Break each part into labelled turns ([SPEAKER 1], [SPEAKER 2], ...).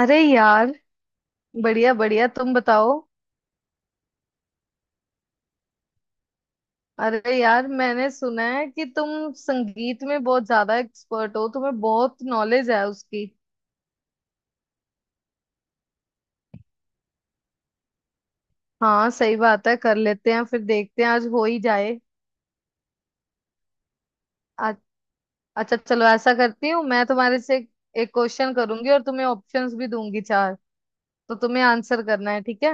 [SPEAKER 1] अरे यार, बढ़िया बढ़िया। तुम बताओ। अरे यार, मैंने सुना है कि तुम संगीत में बहुत ज्यादा एक्सपर्ट हो, तुम्हें बहुत नॉलेज है उसकी। हाँ सही बात है, कर लेते हैं, फिर देखते हैं, आज हो ही जाए। आ, अच्छा चलो, ऐसा करती हूँ, मैं तुम्हारे से एक क्वेश्चन करूंगी और तुम्हें ऑप्शंस भी दूंगी चार, तो तुम्हें आंसर करना है, ठीक है।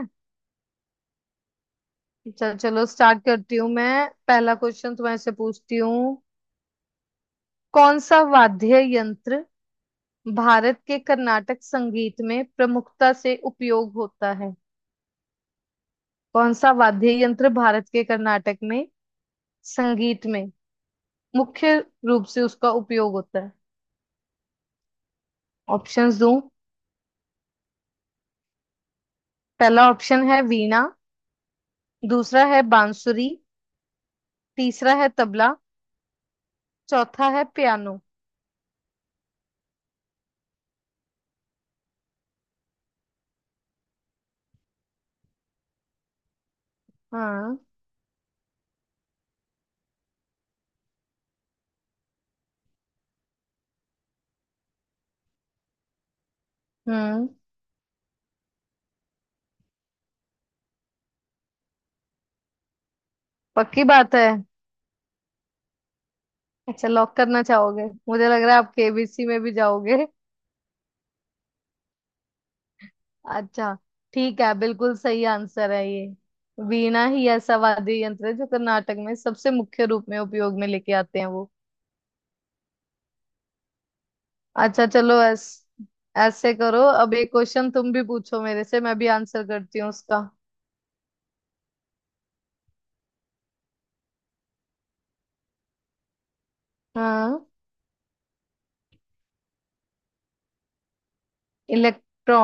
[SPEAKER 1] चल चलो स्टार्ट करती हूँ, मैं पहला क्वेश्चन तुम्हारे से पूछती हूँ। कौन सा वाद्य यंत्र भारत के कर्नाटक संगीत में प्रमुखता से उपयोग होता है। कौन सा वाद्य यंत्र भारत के कर्नाटक में संगीत में मुख्य रूप से उसका उपयोग होता है। ऑप्शंस दूं? पहला ऑप्शन है वीणा, दूसरा है बांसुरी, तीसरा है तबला, चौथा है पियानो। हाँ। हम्म। पक्की बात है। अच्छा, लॉक करना चाहोगे? मुझे लग रहा है आप केबीसी में भी जाओगे। अच्छा, ठीक है, बिल्कुल सही आंसर है ये। वीणा ही ऐसा वाद्य यंत्र है जो कर्नाटक में सबसे मुख्य रूप में उपयोग में लेके आते हैं वो। अच्छा चलो, ऐस ऐसे करो, अब एक क्वेश्चन तुम भी पूछो मेरे से, मैं भी आंसर करती हूँ उसका। हाँ। इलेक्ट्रॉ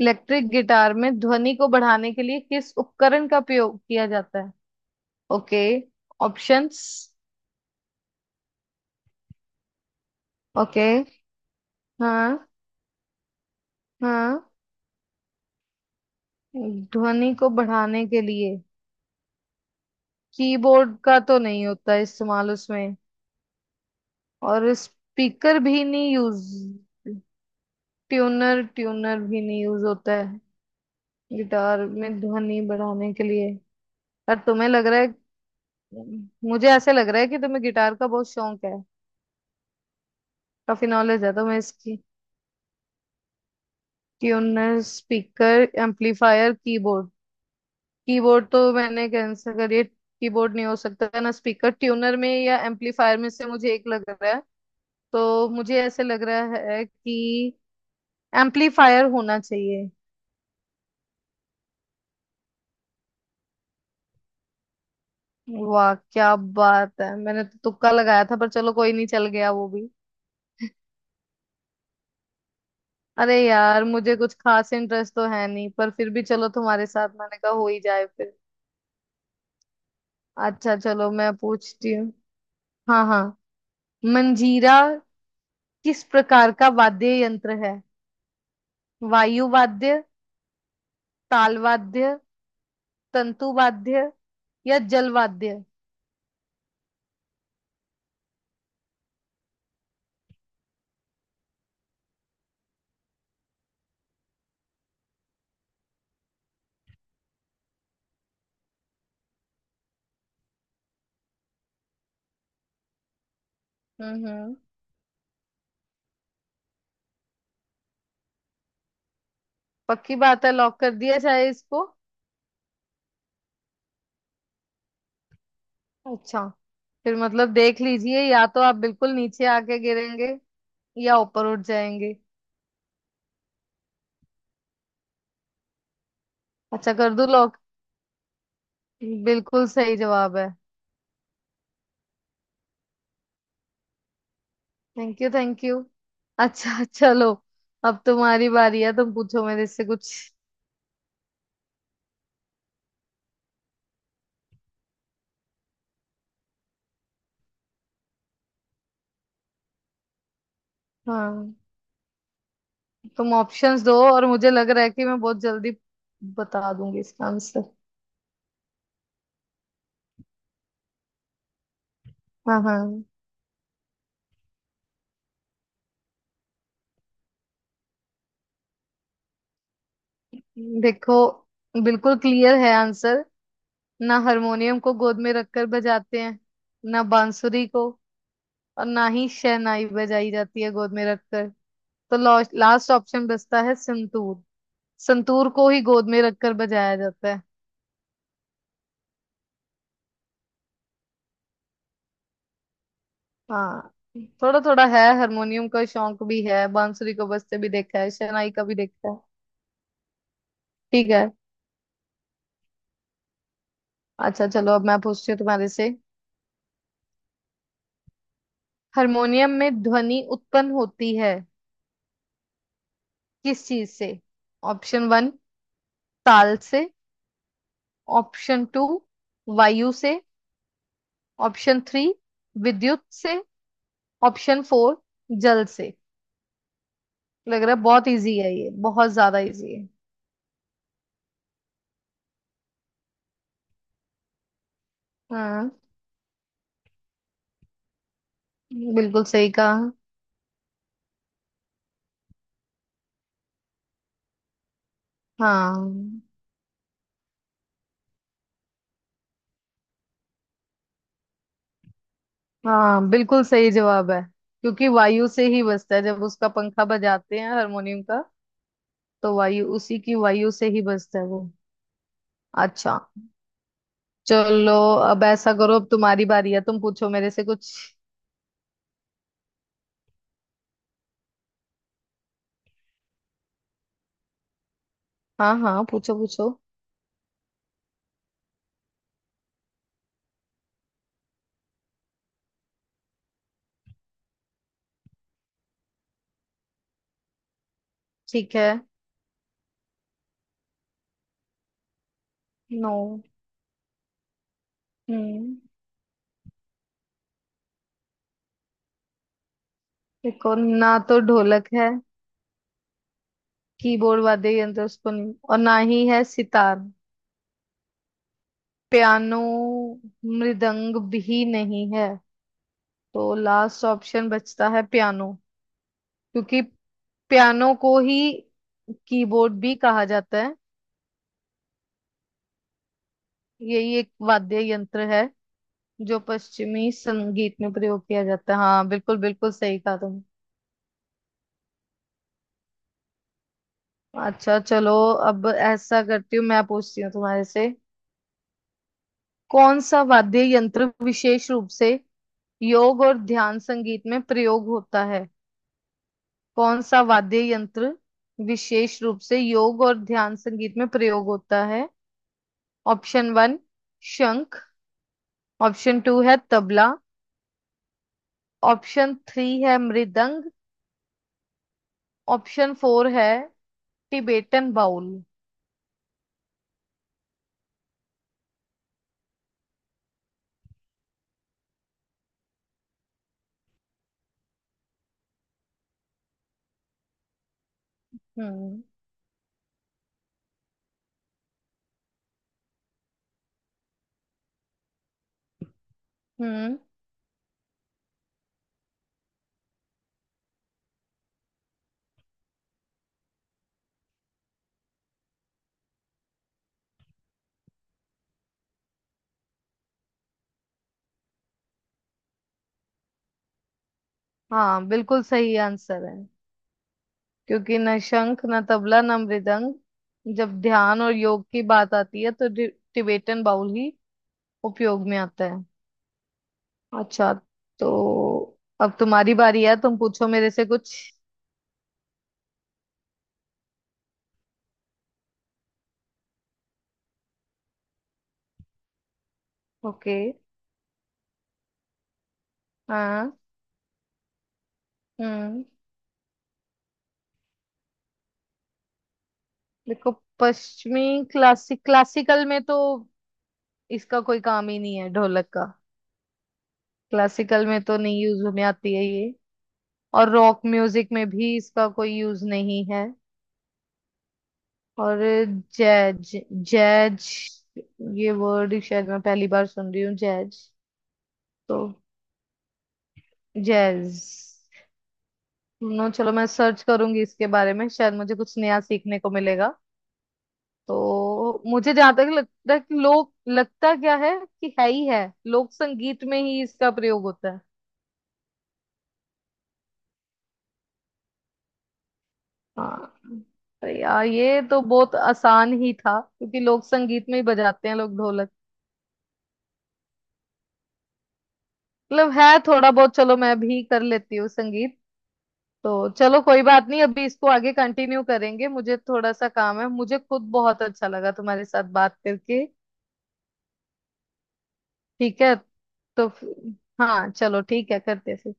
[SPEAKER 1] इलेक्ट्रिक गिटार में ध्वनि को बढ़ाने के लिए किस उपकरण का प्रयोग किया जाता है। ओके। ऑप्शंस? ओके। हाँ हाँ। ध्वनि को बढ़ाने के लिए कीबोर्ड का तो नहीं होता इस्तेमाल उसमें, और स्पीकर भी नहीं यूज। ट्यूनर ट्यूनर भी नहीं यूज होता है गिटार में ध्वनि बढ़ाने के लिए। पर तुम्हें लग रहा है, मुझे ऐसे लग रहा है कि तुम्हें गिटार का बहुत शौक है, काफी नॉलेज है तुम्हें इसकी। Tuner, speaker, amplifier, keyboard. Keyboard तो मैंने कैंसिल करिए, कीबोर्ड नहीं हो सकता है ना। स्पीकर, ट्यूनर में या एम्पलीफायर में से मुझे एक लग रहा है। तो मुझे ऐसे लग रहा है कि एम्पलीफायर होना चाहिए। वाह क्या बात है, मैंने तो तुक्का लगाया था, पर चलो कोई नहीं, चल गया वो भी। अरे यार, मुझे कुछ खास इंटरेस्ट तो है नहीं, पर फिर भी चलो, तुम्हारे साथ मैंने कहा हो ही जाए फिर। अच्छा चलो, मैं पूछती हूँ। हाँ हाँ। मंजीरा किस प्रकार का वाद्य यंत्र है? वायु वाद्य, ताल वाद्य, तंतु वाद्य, या जल वाद्य? हम्म। पक्की बात है, लॉक कर दिया जाए इसको? अच्छा, फिर मतलब देख लीजिए, या तो आप बिल्कुल नीचे आके गिरेंगे, या ऊपर उठ जाएंगे। अच्छा, कर दूं लॉक? बिल्कुल सही जवाब है। Thank you thank you. अच्छा चलो, अब तुम्हारी बारी है, तुम पूछो मेरे से कुछ। हाँ। तुम ऑप्शंस दो, और मुझे लग रहा है कि मैं बहुत जल्दी बता दूंगी इसका आंसर। हाँ हाँ। देखो, बिल्कुल क्लियर है आंसर। ना हारमोनियम को गोद में रखकर बजाते हैं, ना बांसुरी को, और ना ही शहनाई बजाई जाती है गोद में रखकर। तो लास्ट ऑप्शन बचता है संतूर। संतूर को ही गोद में रखकर बजाया जाता है। हाँ, थोड़ा थोड़ा है, हारमोनियम का शौक भी है, बांसुरी को बजते भी देखा है, शहनाई का भी देखा है। ठीक है। अच्छा चलो, अब मैं पूछती हूँ तुम्हारे से। हारमोनियम में ध्वनि उत्पन्न होती है किस चीज से? ऑप्शन वन, ताल से। ऑप्शन टू, वायु से। ऑप्शन थ्री, विद्युत से। ऑप्शन फोर, जल से। लग रहा है बहुत इजी है ये, बहुत ज्यादा इजी है। हाँ। बिल्कुल सही कहा। हाँ। हाँ बिल्कुल सही जवाब है, क्योंकि वायु से ही बजता है, जब उसका पंखा बजाते हैं हारमोनियम का, तो वायु, उसी की वायु से ही बजता है वो। अच्छा चलो, अब ऐसा करो, अब तुम्हारी बारी है, तुम पूछो मेरे से कुछ। हाँ हाँ, पूछो पूछो। ठीक है। नो। हम्म। देखो, ना तो ढोलक है कीबोर्ड वाद्य यंत्र, उसको नहीं, और ना ही है सितार, पियानो, मृदंग भी नहीं है। तो लास्ट ऑप्शन बचता है पियानो, क्योंकि पियानो को ही कीबोर्ड भी कहा जाता है। यही एक वाद्य यंत्र है जो पश्चिमी संगीत में प्रयोग किया जाता है। हाँ बिल्कुल, बिल्कुल सही कहा तुमने। अच्छा चलो, अब ऐसा करती हूँ, मैं पूछती हूँ तुम्हारे से। कौन सा वाद्य यंत्र विशेष रूप से योग और ध्यान संगीत में प्रयोग होता है? कौन सा वाद्य यंत्र विशेष रूप से योग और ध्यान संगीत में प्रयोग होता है? ऑप्शन वन, शंख। ऑप्शन टू है तबला। ऑप्शन थ्री है मृदंग। ऑप्शन फोर है टिबेटन बाउल। हम्म हम्म। हाँ बिल्कुल सही आंसर है, क्योंकि न शंख, न तबला, न मृदंग, जब ध्यान और योग की बात आती है तो टिबेटन बाउल ही उपयोग में आता है। अच्छा, तो अब तुम्हारी बारी है, तुम पूछो मेरे से कुछ। ओके। हाँ। हम्म। देखो, पश्चिमी क्लासिकल में तो इसका कोई काम ही नहीं है ढोलक का, क्लासिकल में तो नहीं यूज में आती है ये। और रॉक म्यूजिक में भी इसका कोई यूज नहीं है। और जैज, जैज, ये वर्ड शायद मैं पहली बार सुन रही हूँ, जैज, तो जैज, सुनो चलो मैं सर्च करूंगी इसके बारे में, शायद मुझे कुछ नया सीखने को मिलेगा। तो मुझे जहां तक लगता है कि लोग, लगता क्या है कि है ही है, लोक संगीत में ही इसका प्रयोग होता है। हाँ। तो यार, ये तो बहुत आसान ही था, क्योंकि लोक संगीत में ही बजाते हैं लोग ढोलक। मतलब है थोड़ा बहुत, चलो मैं भी कर लेती हूँ संगीत। तो चलो कोई बात नहीं, अभी इसको आगे कंटिन्यू करेंगे, मुझे थोड़ा सा काम है, मुझे खुद बहुत अच्छा लगा तुम्हारे साथ बात करके। ठीक है, तो फ- हाँ चलो ठीक है, करते हैं फिर।